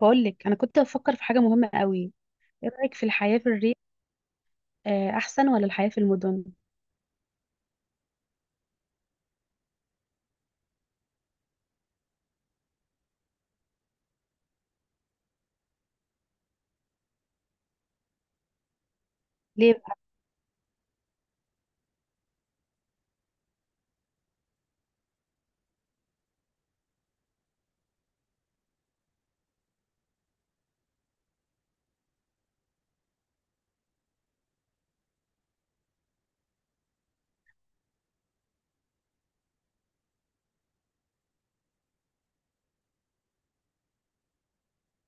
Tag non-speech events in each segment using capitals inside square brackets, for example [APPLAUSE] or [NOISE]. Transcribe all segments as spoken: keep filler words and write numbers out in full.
بقول لك انا كنت بفكر في حاجه مهمه قوي. ايه رايك في الحياه في الريف؟ آه، احسن ولا الحياه في المدن؟ ليه بقى؟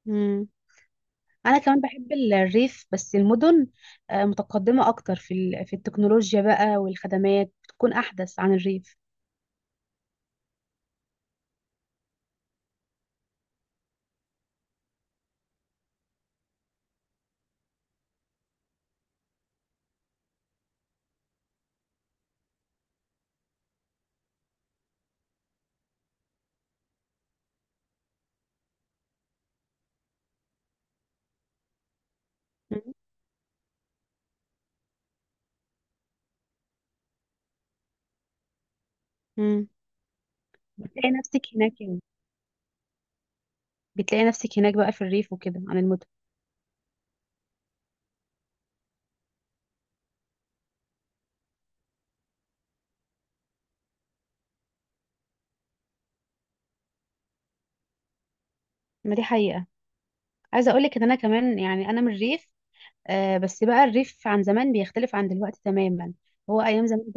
مم. انا كمان بحب ال- الريف، بس المدن آه، متقدمه اكتر في ال- في التكنولوجيا بقى، والخدمات بتكون احدث عن الريف. مم. مم. بتلاقي نفسك هناك يعني؟ بتلاقي نفسك هناك بقى في الريف وكده عن المدن؟ ما دي حقيقه. عايزه اقول لك ان انا كمان، يعني انا من الريف. آه، بس بقى الريف عن زمان بيختلف عن دلوقتي تماما. هو ايام زمان...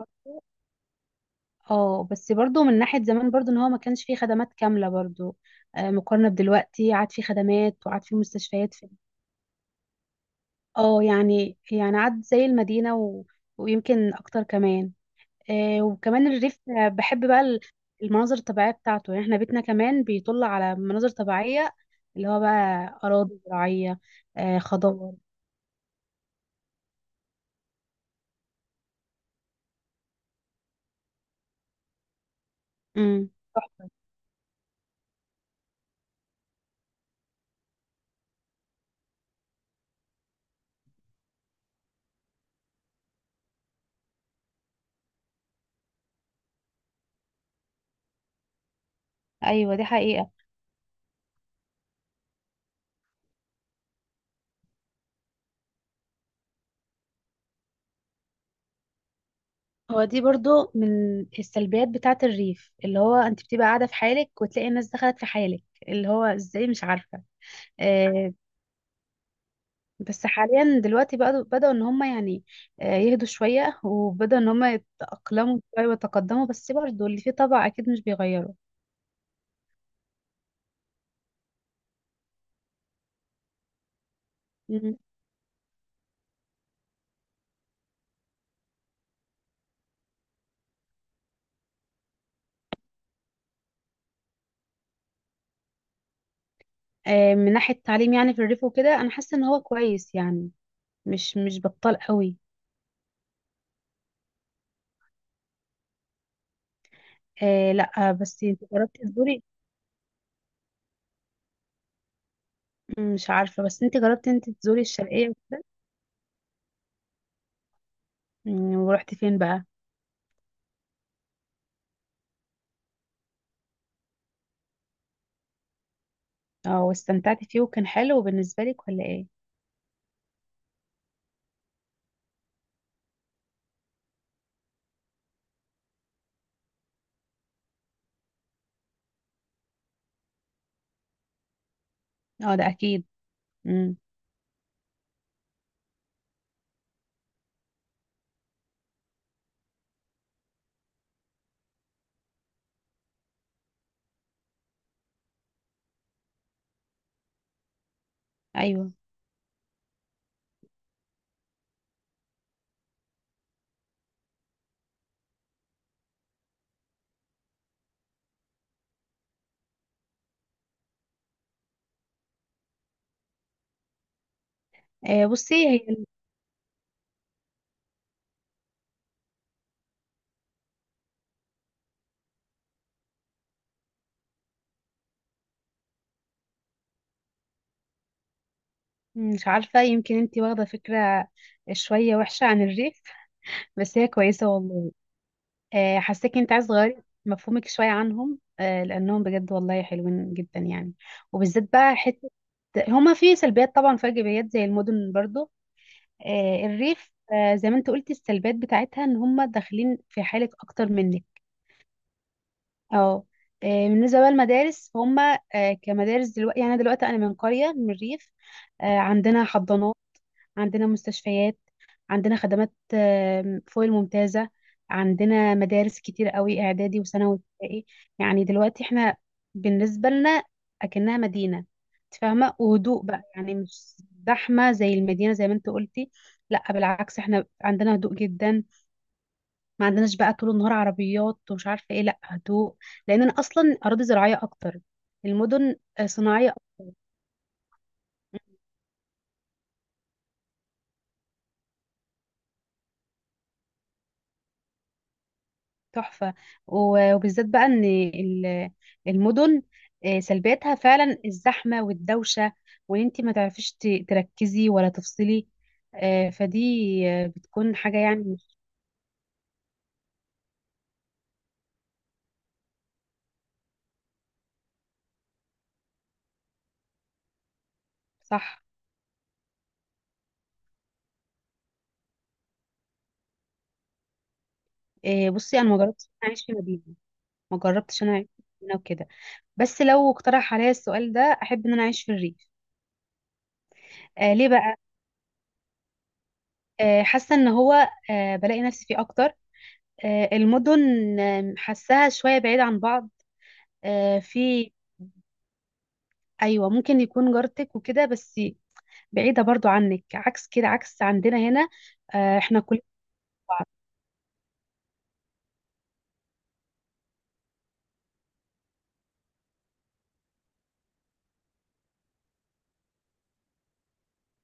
اه، بس برضو من ناحية زمان برضو ان هو ما كانش فيه خدمات كاملة برضو آه، مقارنة بدلوقتي، عاد فيه خدمات وعاد فيه مستشفيات في... اه، يعني يعني عاد زي المدينة و... ويمكن اكتر كمان. آه، وكمان الريف، آه، بحب بقى ال- المناظر الطبيعية بتاعته. يعني احنا بيتنا كمان بيطل على مناظر طبيعية، اللي هو بقى أراضي زراعية، آه، خضار. امم. ايوه، دي حقيقة. هو دي برضو من السلبيات بتاعة الريف، اللي هو انت بتبقى قاعدة في حالك وتلاقي الناس دخلت في حالك، اللي هو ازاي مش عارفة. آه. بس حاليا دلوقتي بدأوا بدأوا ان هم، يعني آه يهدوا شوية، وبدأوا ان هم يتأقلموا شوية ويتقدموا، بس برضو اللي فيه طبع اكيد مش بيغيره. مم. آه من ناحية التعليم يعني، في الريف وكده انا حاسة ان هو كويس يعني، مش مش بطال قوي. آه، لا، بس انت جربتي تزوري؟ مم، مش عارفة، بس انت جربتي انت تزوري الشرقية؟ مم، ورحتي فين بقى؟ اه، واستمتعتي فيه وكان حلو بالنسبة لك ولا ايه؟ اه، ده اكيد. امم. ايوه. آه بصي هي... مم، مش عارفة، يمكن انتي واخدة فكرة شوية وحشة عن الريف، بس هي كويسة والله. آه حاساكي انت عايز تغيري مفهومك شوية عنهم، آه لانهم بجد والله حلوين جدا يعني. وبالذات بقى حتة... هما في سلبيات، طبعا في ايجابيات زي المدن برضو. آه الريف، آه زي ما انت قلتي، السلبيات بتاعتها ان هما داخلين في حالك اكتر منك. اه. آه، بالنسبة بقى للمدارس هم آه، كمدارس دلوقتي، يعني دلوقتي أنا من قرية، من الريف، آه، عندنا حضانات، عندنا مستشفيات، عندنا خدمات آه، فوق الممتازة. عندنا مدارس كتير قوي، إعدادي وثانوي وابتدائي. يعني دلوقتي احنا بالنسبة لنا أكنها مدينة، انت فاهمة. وهدوء بقى، يعني مش زحمة زي المدينة زي ما انت قلتي. لا، بالعكس، احنا عندنا هدوء جدا. ما عندناش بقى طول النهار عربيات ومش عارفه ايه، لا، هدوء. لان انا اصلا اراضي زراعيه اكتر، المدن آه، صناعيه. تحفه. و- وبالذات بقى ان ال- المدن آه، سلبياتها فعلا الزحمه والدوشه، وان انت ما تعرفيش ت- تركزي ولا تفصلي، آه، فدي آه، بتكون حاجه يعني مش... صح. آه، بصي انا ما جربتش انا اعيش في مدينه، ما جربتش انا اعيش في مدينه وكده، بس لو اقترح عليا السؤال ده احب ان انا اعيش في الريف. آه ليه بقى؟ آه، حاسه ان هو آه، بلاقي نفسي فيه اكتر. آه، المدن آه، حاساها شويه بعيد عن بعض، آه، في ايوه، ممكن يكون جارتك وكده بس بعيده برضو عنك، عكس كده، عكس عندنا هنا. آه، احنا كل...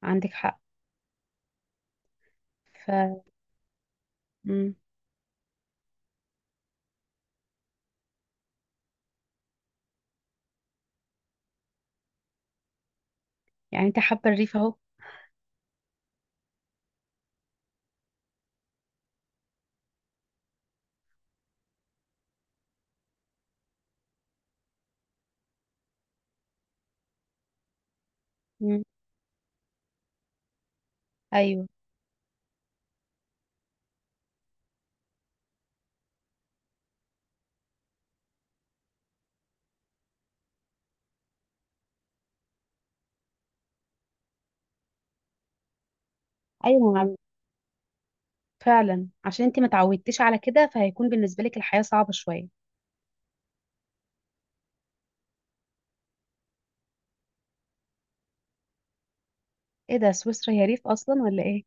عندك حق. ف مم. يعني انت حابه الريف اهو؟ مم. ايوه. ايوه عم- فعلا، عشان انت ما تعودتيش على كده فهيكون بالنسبه لك الحياه صعبه شويه. ايه ده، سويسرا هي ريف اصلا ولا ايه؟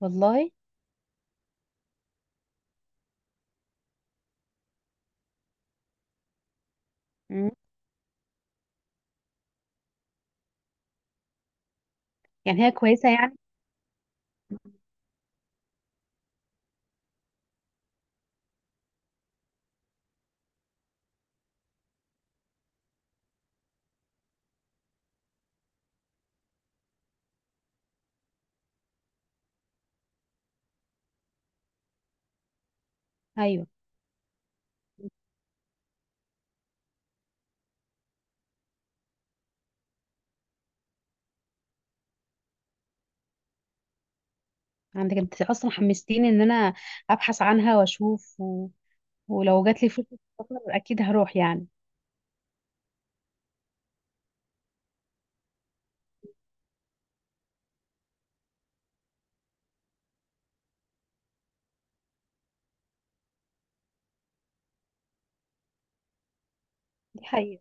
والله. مم. يعني هي كويسه يعني. ايوه. عندك انت اصلا حمستيني ان انا ابحث عنها واشوف و... ولو جات لي فرصه سفر اكيد هروح يعني. دي حقيقة.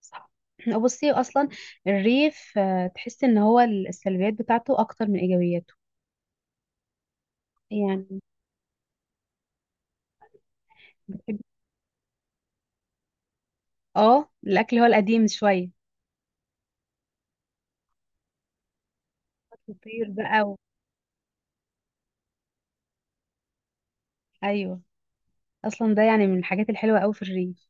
صح. [CLEARS THROAT] بصي اصلا الريف آه، تحس ان هو السلبيات بتاعته اكتر من ايجابياته. يعني... بتحب؟ اه، الاكل هو القديم شويه، فطير بقى و... ايوه. اصلا ده يعني من الحاجات الحلوه قوي في الريف.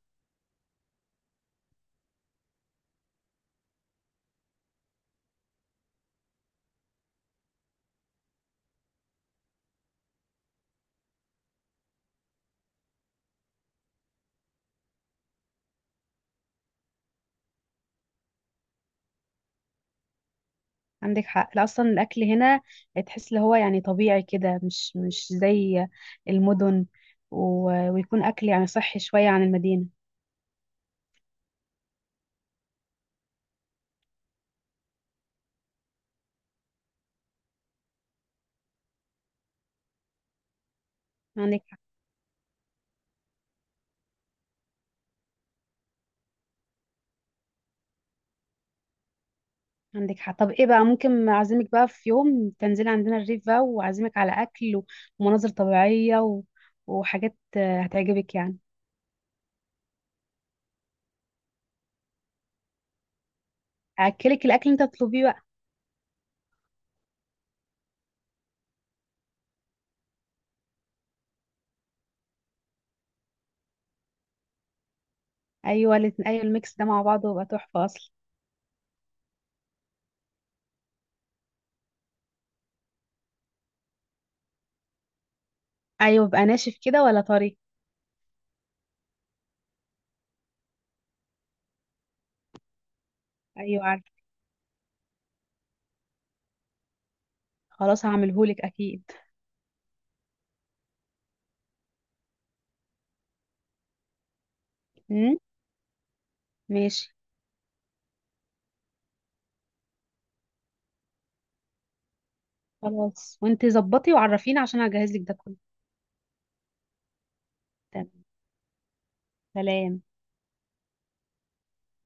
عندك حق، لا، اصلا الاكل هنا تحس اللي هو يعني طبيعي كده، مش مش زي المدن، و... ويكون اكل يعني صحي شويه عن المدينه. عندك حق. عندك حق، طب ايه بقى، ممكن اعزمك بقى في يوم تنزلي عندنا الريف بقى، واعزمك على اكل ومناظر طبيعية و... وحاجات آه، هتعجبك يعني. اكلك الاكل اللي انت تطلبيه بقى. ايوه الات- ايوه الميكس ده مع بعضه بيبقى تحفة اصلا. ايوه، بيبقى ناشف كده ولا طري؟ ايوه، عارفه. خلاص هعملهولك اكيد. امم. ماشي. خلاص وانت ظبطي وعرفيني عشان هجهز لك ده كله. تمام. سلام.